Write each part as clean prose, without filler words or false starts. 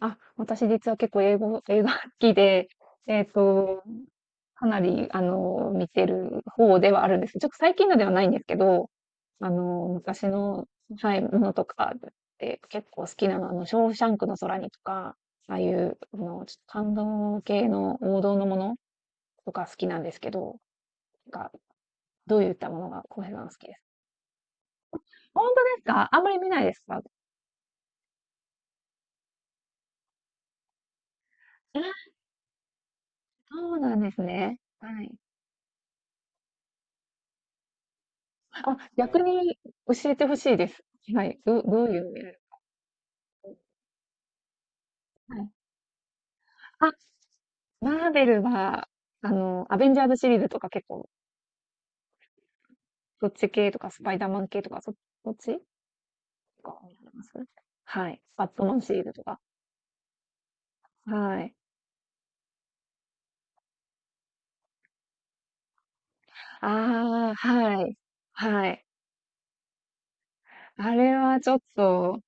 あ、私実は結構英語映画好きで、えっと、かなり、見てる方ではあるんですけど、ちょっと最近のではないんですけど、昔の、はい、ものとかで結構好きなのは、ショーシャンクの空にとか、ああいう、ちょっと感動系の王道のものとか好きなんですけど、なんか、どういったものが、浩平さん好きですか？本当ですか？あんまり見ないですか？あ、そうなんですね。はい。あ、逆に教えてほしいです。はい。どういうやる。はい。あ、マーベルは、アベンジャーズシリーズとか結構、そっち系とか、スパイダーマン系とか、そっちが見られます。はい。バットマンシリーズとか。はい。ああ、はい。はい。あれはちょっと、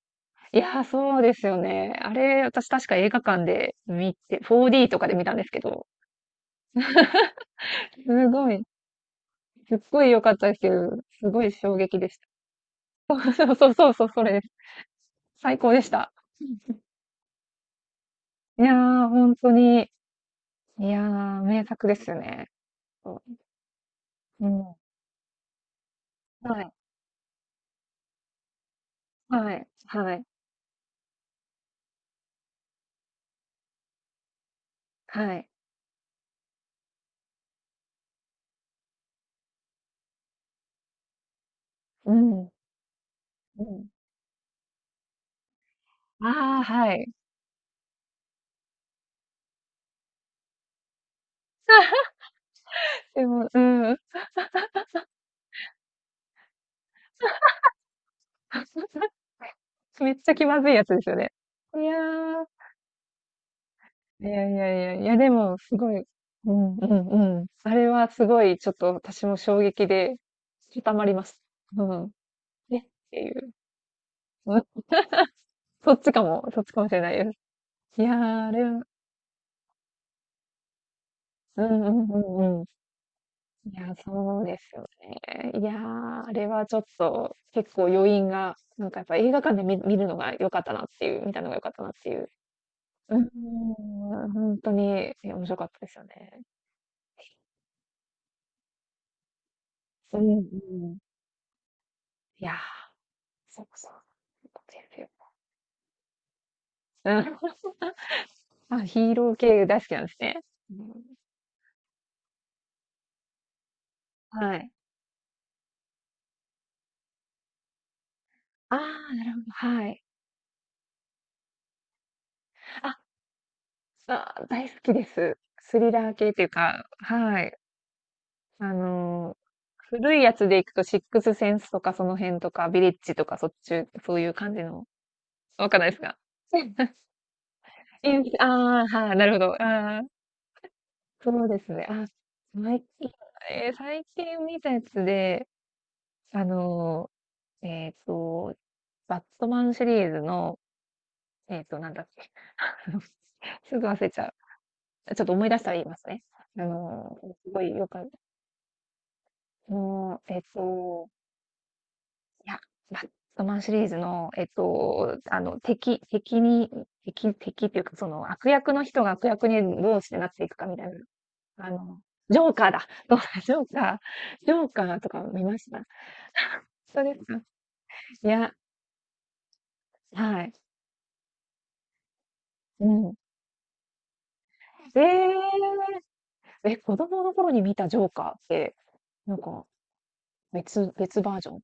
いやー、そうですよね。あれ、私確か映画館で見て、4D とかで見たんですけど、すごい、すっごい良かったですけど、すごい衝撃でした。そうそうそう、それ最高でした。いやー、本当に。いやー、名作ですよね。そう。うん。はい。はい。はい。はい。うん。うん。ああ、はい。でも、うん。めっちゃ気まずいやつですよね。いやー、いやいやいや、いや、でも、すごい、うんうんうん。あれはすごい、ちょっと私も衝撃で、固まります。うん。えっていう。うん。そっちかもしれないです。いやー、あれはうんうんうんうん。いや、そうですよね。いやー、あれはちょっと結構余韻が、なんかやっぱ映画館で見るのが良かったなっていう、見たのが良かったなっていう。うーん、本当に、いや、面白かったですよね。うんうん。いやー、そうそう。よくやるよ。うん。あ、ヒーロー系大好きなんですね。うん、はい。ああ、なるほど、はい。あ、あ、大好きです。スリラー系っていうか、はい。あのー、古いやつで行くと、シックスセンスとかその辺とか、ビレッジとか、そっち、そういう感じの、わかんないですか？ インスああー、はい、なるほど。ああ、そうですね。あ、最近、最近見たやつで、あのー、えっと、バットマンシリーズの、なんだっけ、あのすぐ忘れちゃう。ちょっと思い出したら言いますね。すごいよかった。あのーえっと、いや、バットマンシリーズの、敵敵に敵敵っていうか、その、悪役の人が悪役にどうしてなっていくかみたいな、ジョーカーだ、そうだ、ジョーカージョーカーとか見ました？そうですか。いや、はい、うん。ええ！え、子供の頃に見たジョーカーって、なんか、別バージョン？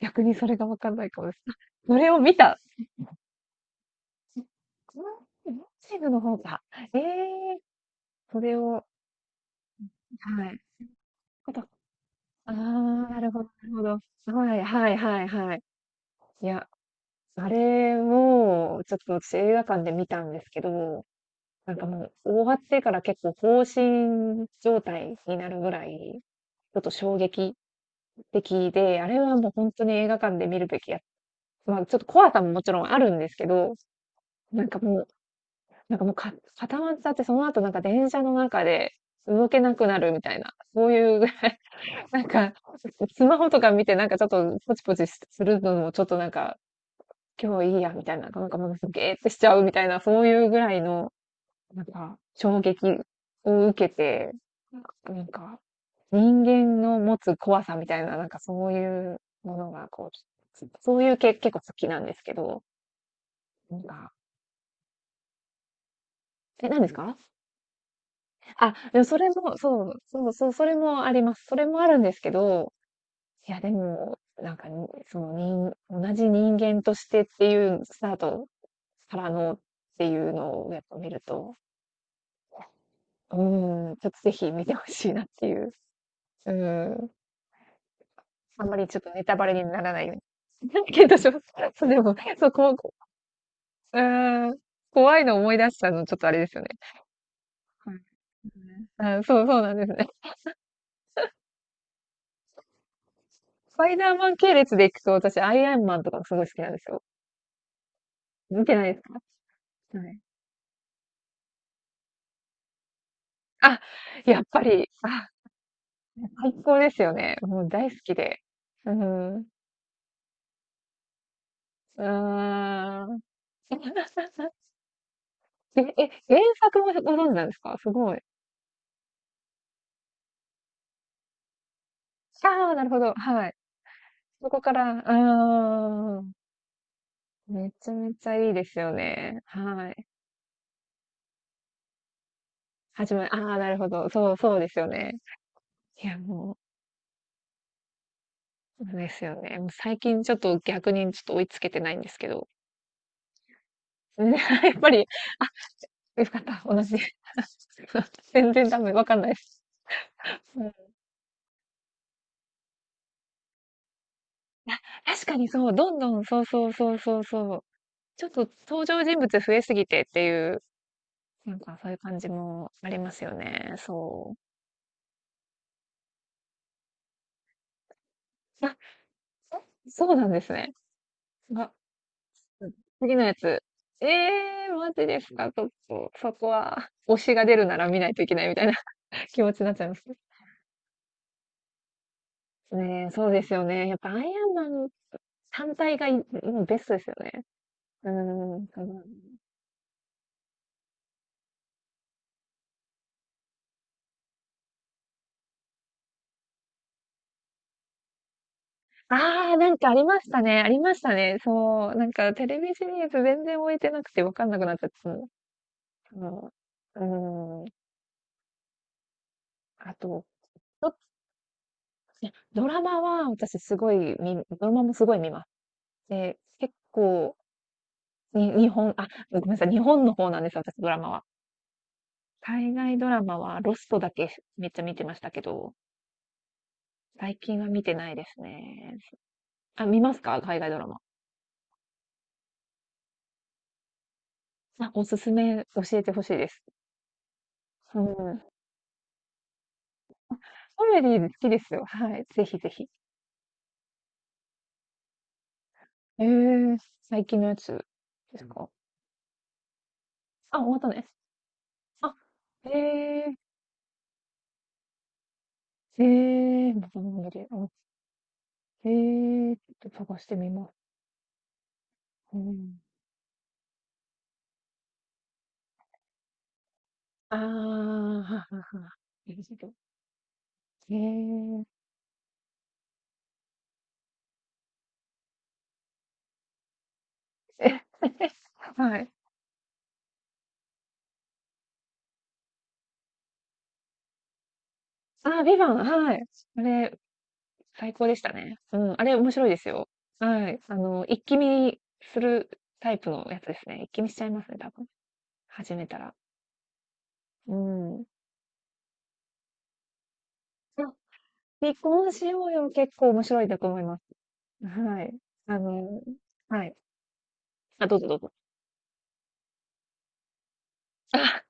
逆にそれがわかんないかもしれない。それを見た。うん、このボクシングの方が、ええ、それを。はい。ああ、なるほどなるほど。はいはいはいはい。いや、あれも、ちょっと私映画館で見たんですけど、なんかもう終わってから結構放心状態になるぐらい、ちょっと衝撃的で、あれはもう本当に映画館で見るべきや。まあちょっと怖さももちろんあるんですけど、なんかもう、なんかもうか固まっちゃって、その後なんか電車の中で動けなくなるみたいな、そういうなんか、スマホとか見てなんかちょっとポチポチするのもちょっとなんか、今日いいやみたいな、なんかもうすげーってしちゃうみたいな、そういうぐらいの、なんか、衝撃を受けて、なんか、人間の持つ怖さみたいな、なんかそういうものがこう、そういう系結構好きなんですけど、なんか、え、何ですか？あ、でもそれも、そう、そうそう、それもあります。それもあるんですけど、いや、でも、なんか、にその、同じ人間としてっていうスタートからのっていうのをやっぱ見ると、うーん、ちょっとぜひ見てほしいなっていう。うーん。あんまりちょっとネタバレにならないように。だけど、そう、そうでも、そう、こう、こうーん、怖いの思い出したのちょっとあれですよね。はいはい、うん。そうそうなんですね。スパイダーマン系列でいくと、私アイアンマンとかすごい好きなんですよ。見てないですか？はい。あ、やっぱり、あ最高ですよね。もう大好きで。うん。うーん。え、え、原作もご存知なんですか？すごい。ああ、なるほど、はい。そこからうーん。めちゃめちゃいいですよね。はい。始まりああ、なるほど。そう、そうですよね。いや、もう、そうですよね。もう最近ちょっと逆にちょっと追いつけてないんですけど。ね やっぱり、あ、よかった、同じ。全然ダメ。わかんないです。確かにそう、どんどん、そうそうそうそうそう。ちょっと登場人物増えすぎてっていう、なんかそういう感じもありますよね。そう。あ、そうなんですね。あ、次のやつ。ええー、マジですか、ちょっと、そこは、推しが出るなら見ないといけないみたいな 気持ちになっちゃいますね。ねえ、そうですよね。やっぱアイアンマン単体がうんベストですよね。うん、ああ、なんかありましたね。ありましたね。そう。なんかテレビシリーズ全然置いてなくてわかんなくなっちゃって、その、そのうーん。あと、どっちドラマは私すごいドラマもすごい見ます。で、結構、日本、あ、ごめんなさい、日本の方なんですよ、私ドラマは。海外ドラマはロストだけめっちゃ見てましたけど、最近は見てないですね。あ、見ますか海外ドラマ。あ、おすすめ教えてほしいです。うん。コメディ好きですよ。はい。ぜひぜひ。ええ、最近のやつでうすん。か？あ、終わったね。あ、ええ、ーえ、また飲んでる。あ、ええ、ちょっと探してみます。うん。ああ、ははは。いいですけど。ええ。え はい。あ、ビバン、はい。あれ、最高でしたね。うん、あれ面白いですよ。はい。一気見するタイプのやつですね。一気見しちゃいますね、多分。始めたら。うん。離婚しようよ、結構面白いんだと思います。はい。あの、はい。あ、どうぞどうぞ。あ、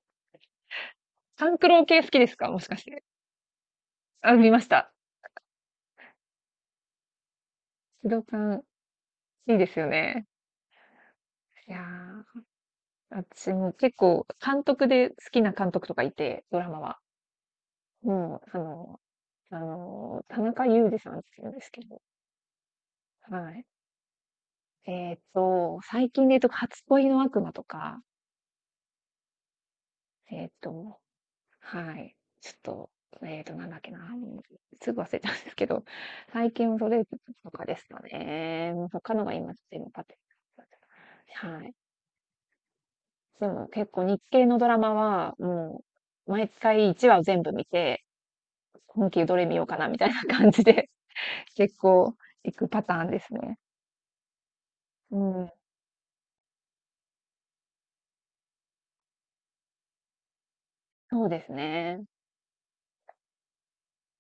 勘九郎系好きですか？もしかして。あ、見ました。資料館、いいですよね。いやー、私も結構監督で好きな監督とかいて、ドラマは。もう、田中裕二さんって言うんですけど、はい。えっと、最近で言うと初恋の悪魔とか、えっとはい。ちょっと、えーと、なんだっけな、ん、すぐ忘れちゃうんですけど、最近それとかですかね。他のが今ちょっとパッてはい。でも結構日系のドラマは、もう毎回1話を全部見て、今期どれ見ようかなみたいな感じで、結構行くパターンですね。うん、そうですね。